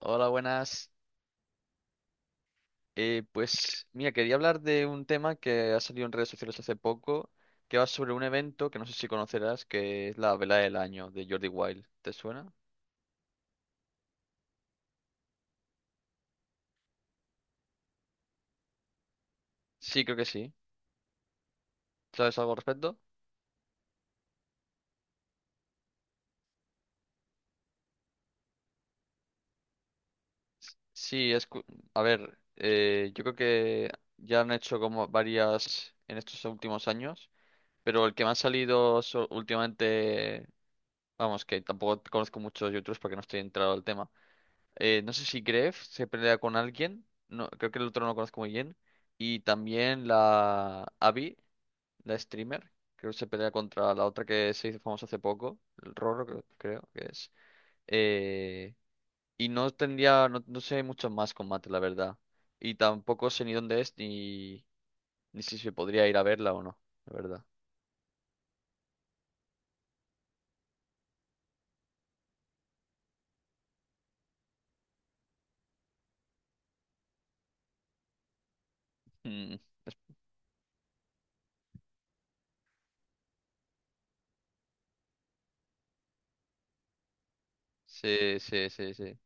Hola, buenas. Pues mira, quería hablar de un tema que ha salido en redes sociales hace poco, que va sobre un evento que no sé si conocerás, que es la Vela del Año de Jordi Wild. ¿Te suena? Sí, creo que sí. ¿Sabes algo al respecto? Sí, es... A ver, yo creo que ya han hecho como varias en estos últimos años, pero el que me ha salido últimamente, vamos, que tampoco conozco muchos youtubers porque no estoy entrado al tema. No sé si Gref se pelea con alguien. No, creo que el otro no lo conozco muy bien. Y también la Abby, la streamer. Creo que se pelea contra la otra que se hizo famosa hace poco. El Roro, creo que es. Eh, y no tendría. No, no sé mucho más combate, la verdad. Y tampoco sé ni dónde es ni si se podría ir a verla o no, la verdad. Mm. es- Sí, sí, sí, sí.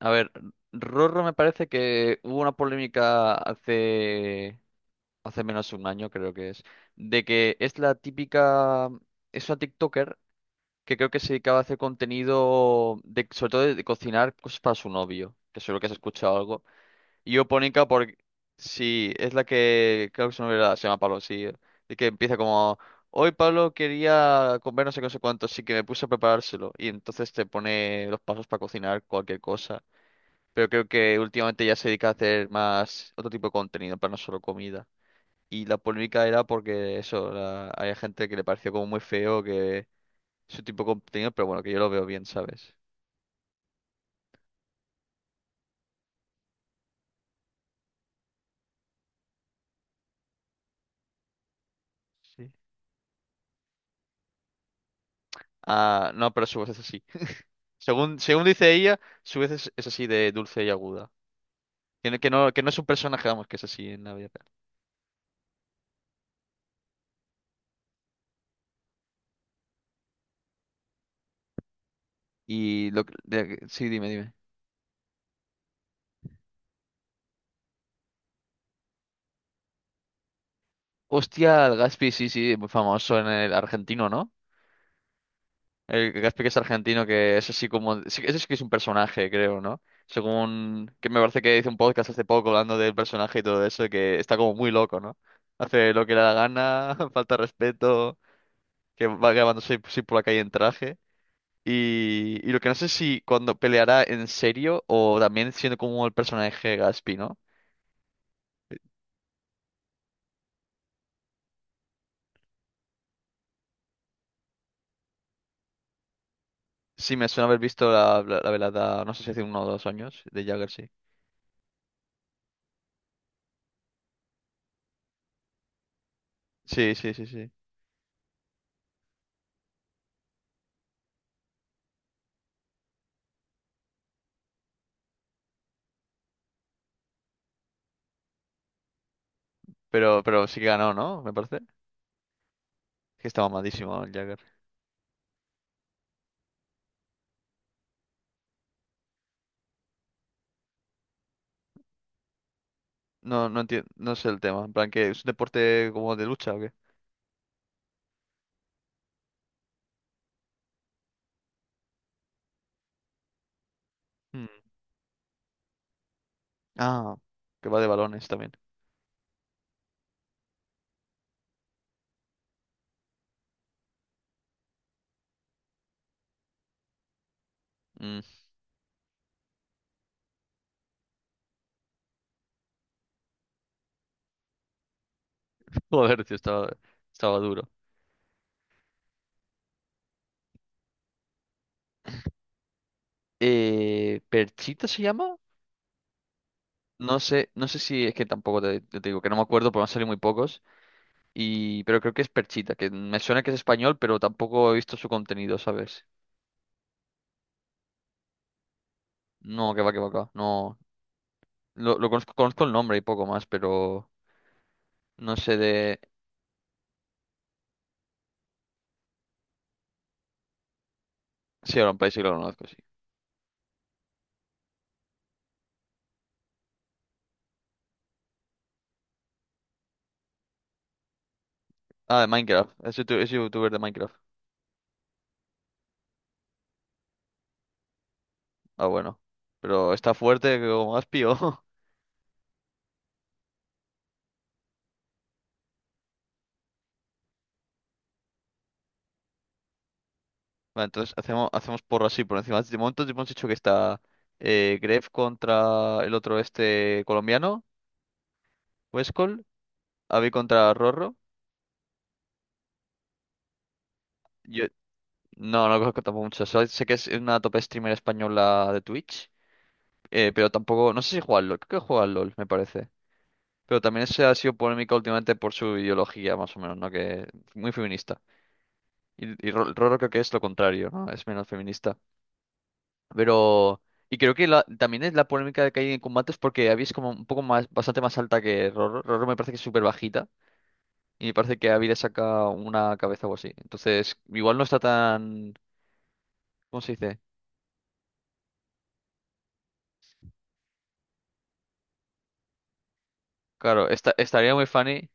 A ver, Rorro me parece que hubo una polémica hace menos de un año creo que es, de que es la típica, es una TikToker que creo que se dedicaba a hacer contenido de, sobre todo de cocinar cosas para su novio, que seguro que has escuchado algo. Y yo ponica porque sí, es la que creo que su novio se llama Pablo, sí, y que empieza como hoy Pablo quería comer no sé qué, no sé cuánto, así que me puse a preparárselo. Y entonces te pone los pasos para cocinar cualquier cosa. Pero creo que últimamente ya se dedica a hacer más otro tipo de contenido, para no solo comida. Y la polémica era porque eso, había gente que le pareció como muy feo que su tipo de contenido, pero bueno, que yo lo veo bien, ¿sabes? Sí. Ah, no, pero su voz es así. Según, según dice ella, su voz es así de dulce y aguda. Que no, que no, que no es un personaje, vamos, que es así en la vida real. Sí, dime, dime. Hostia, el Gaspi, sí, sí, muy famoso en el argentino, ¿no? El Gaspi que es argentino, que es así como... sí, ese sí que es un personaje, creo, ¿no? Según... que me parece que hizo un podcast hace poco hablando del personaje y todo eso, que está como muy loco, ¿no? Hace lo que le da la gana, falta respeto, que va grabándose así por la calle en traje. Y lo que no sé si cuando peleará en serio o también siendo como el personaje Gaspi, ¿no? Sí, me suena haber visto la velada, no sé si hace uno o dos años, de Jagger, sí. Sí, sí, sí, sí. Pero sí que ganó, ¿no? Me parece. Que estaba mamadísimo el Jagger. No, no entiendo, no sé el tema. En plan, ¿que es un deporte como de lucha o qué? Mm. Ah, que va de balones también. Mm. Joder, tío, estaba, duro. ¿Perchita se llama? No sé, no sé si es que tampoco te digo que no me acuerdo, porque me han salido muy pocos. Y, pero creo que es Perchita, que me suena que es español, pero tampoco he visto su contenido, ¿sabes? No, que va, que va, que va. No, lo conozco, conozco el nombre y poco más, pero no sé de... Sí, ahora un país sí que lo conozco, sí. Ah, de Minecraft, es es youtuber de Minecraft. Ah, bueno. Pero está fuerte como has pío. Vale, entonces hacemos porro así por encima. De momento hemos dicho que está Gref contra el otro este colombiano, Westcol, Avi contra Rorro. Yo no, no conozco tampoco mucho. Solo sé que es una top streamer española de Twitch. Pero tampoco. No sé si juega al LOL. Creo que juega al LOL, me parece. Pero también se ha sido polémica últimamente por su ideología, más o menos, ¿no? Que muy feminista. Y Rorro creo que es lo contrario, ¿no? Es menos feminista. Pero, y creo que también es la polémica que hay en combates porque Abby es como un poco más, bastante más alta que Roro. Roro me parece que es súper bajita y me parece que Abby le saca una cabeza o así. Entonces, igual no está tan, ¿cómo se dice? Claro, estaría muy funny.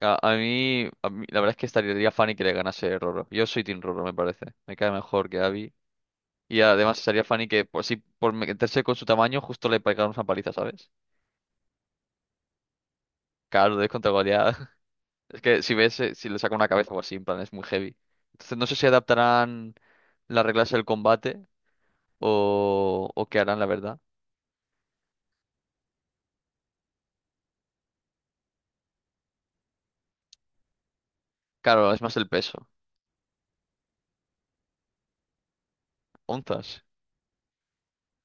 La verdad es que estaría funny que le ganase Roro. Yo soy Team Roro, me parece. Me cae mejor que Abby. Y además estaría funny que, por si por meterse con su tamaño, justo le pegara una paliza, ¿sabes? Claro, de contra Goliat. Es que si ves, si le saca una cabeza o así, en plan, es muy heavy. Entonces no sé si adaptarán las reglas del combate o qué harán, la verdad. Claro, es más el peso. Onzas.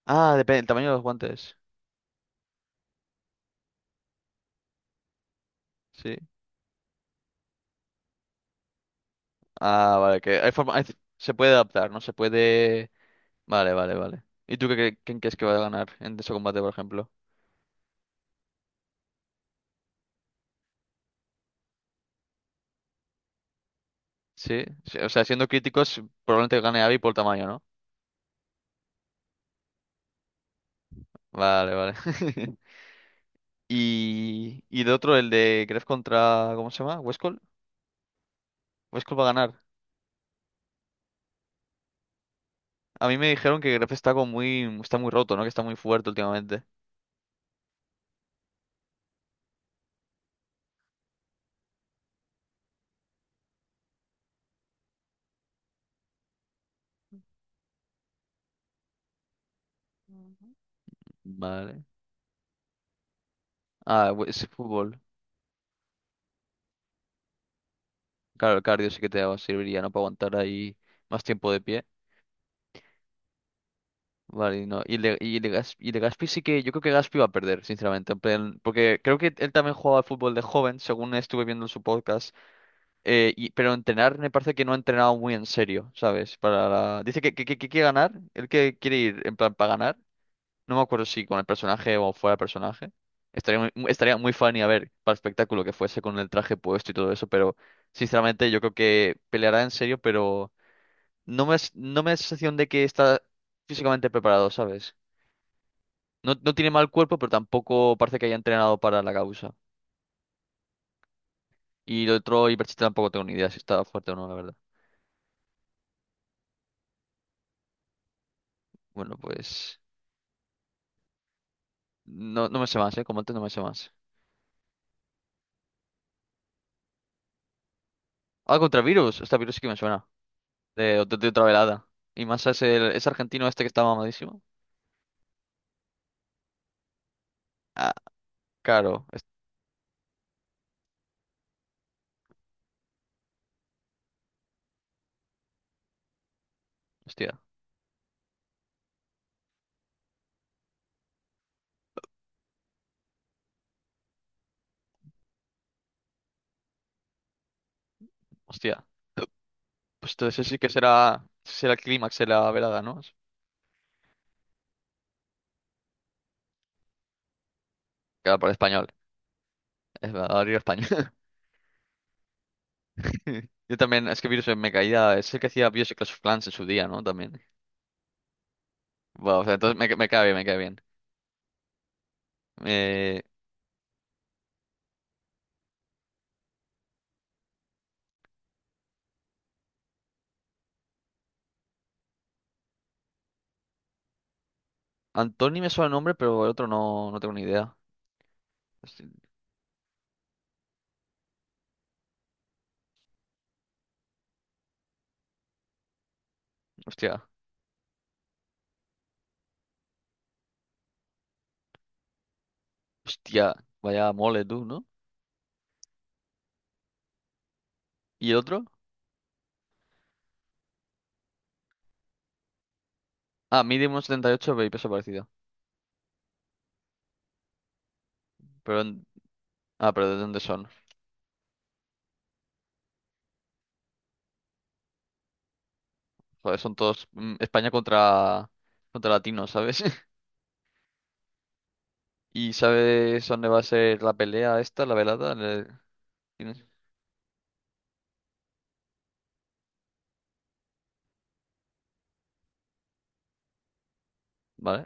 Ah, depende del tamaño de los guantes. Sí. Ah, vale, que hay forma, se puede adaptar, ¿no? Se puede... Vale, vale, vale. ¿Y tú qué, quién crees que va a ganar en ese combate, por ejemplo? Sí, sí. O sea, siendo críticos, probablemente gane Abby por tamaño, ¿no? Vale, vale. Y de otro, el de Gref contra... ¿Cómo se llama? ¿Westcol? Westcol va a ganar. A mí me dijeron que Gref está como muy, está muy roto, ¿no? Que está muy fuerte últimamente. Ujú. Vale. Ah, ese fútbol. Claro, el cardio sí que te serviría, ¿no? Para aguantar ahí más tiempo de pie. Vale, y no. Y de Gaspi sí que. Yo creo que Gaspi va a perder, sinceramente. En plan, porque creo que él también jugaba al fútbol de joven, según estuve viendo en su podcast. Y pero entrenar me parece que no ha entrenado muy en serio, ¿sabes? Dice que quiere ganar. Él que quiere ir en plan para ganar. No me acuerdo si con el personaje o fuera del personaje. Estaría muy, estaría muy funny a ver para el espectáculo que fuese con el traje puesto y todo eso, pero sinceramente yo creo que peleará en serio, pero no me da sensación de que está físicamente preparado, ¿sabes? No, no tiene mal cuerpo, pero tampoco parece que haya entrenado para la causa. Y lo otro, y Iberchita tampoco tengo ni idea si está fuerte o no, la verdad. Bueno, pues no, no me sé más, ¿eh? Como antes no me sé más. Ah, contra Virus. Esta Virus sí que me suena. De otra velada. Y más es el, es argentino este que está mamadísimo. Claro, hostia, hostia. Pues entonces ese sí que será el clímax de la velada, ¿no? Claro, por español. Es horario español. Yo también, es que Virus me caía, es el que hacía Bioshock Clash of Clans en su día, ¿no? También. Bueno, o sea, entonces me cae bien, me cae bien. Eh, Antoni me suena el nombre, pero el otro no, no tengo ni idea. Hosti- Hostia, hostia, vaya mole tú, ¿no? ¿Y el otro? Ah, Medium 78 y ocho y peso parecido. Pero, en- ah, pero ¿de dónde son? Joder, son todos mm, España contra, contra latinos, ¿sabes? ¿Y sabes dónde va a ser la pelea esta, la velada? Tienes- ¿Vale?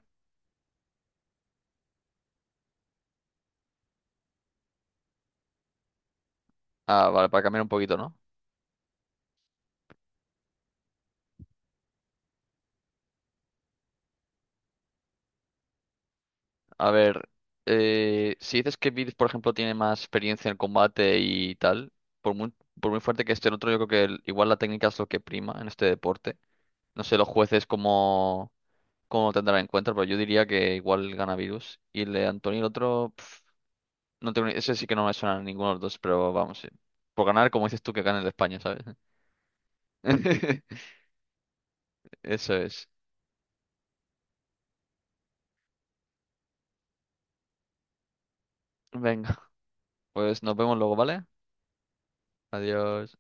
Ah, vale, para cambiar un poquito, ¿no? A ver, si dices que Vid, por ejemplo, tiene más experiencia en el combate y tal, por muy, por muy fuerte que esté el otro, yo creo que igual la técnica es lo que prima en este deporte. No sé los jueces cómo lo tendrán en cuenta, pero yo diría que igual gana Virus. Y el de Antonio, el otro, pf, no tengo ni- ese sí que no me suena a ninguno de los dos, pero vamos, sí. Por ganar, como dices tú, que gane el de España, ¿sabes? Eso es. Venga. Pues nos vemos luego, ¿vale? Adiós.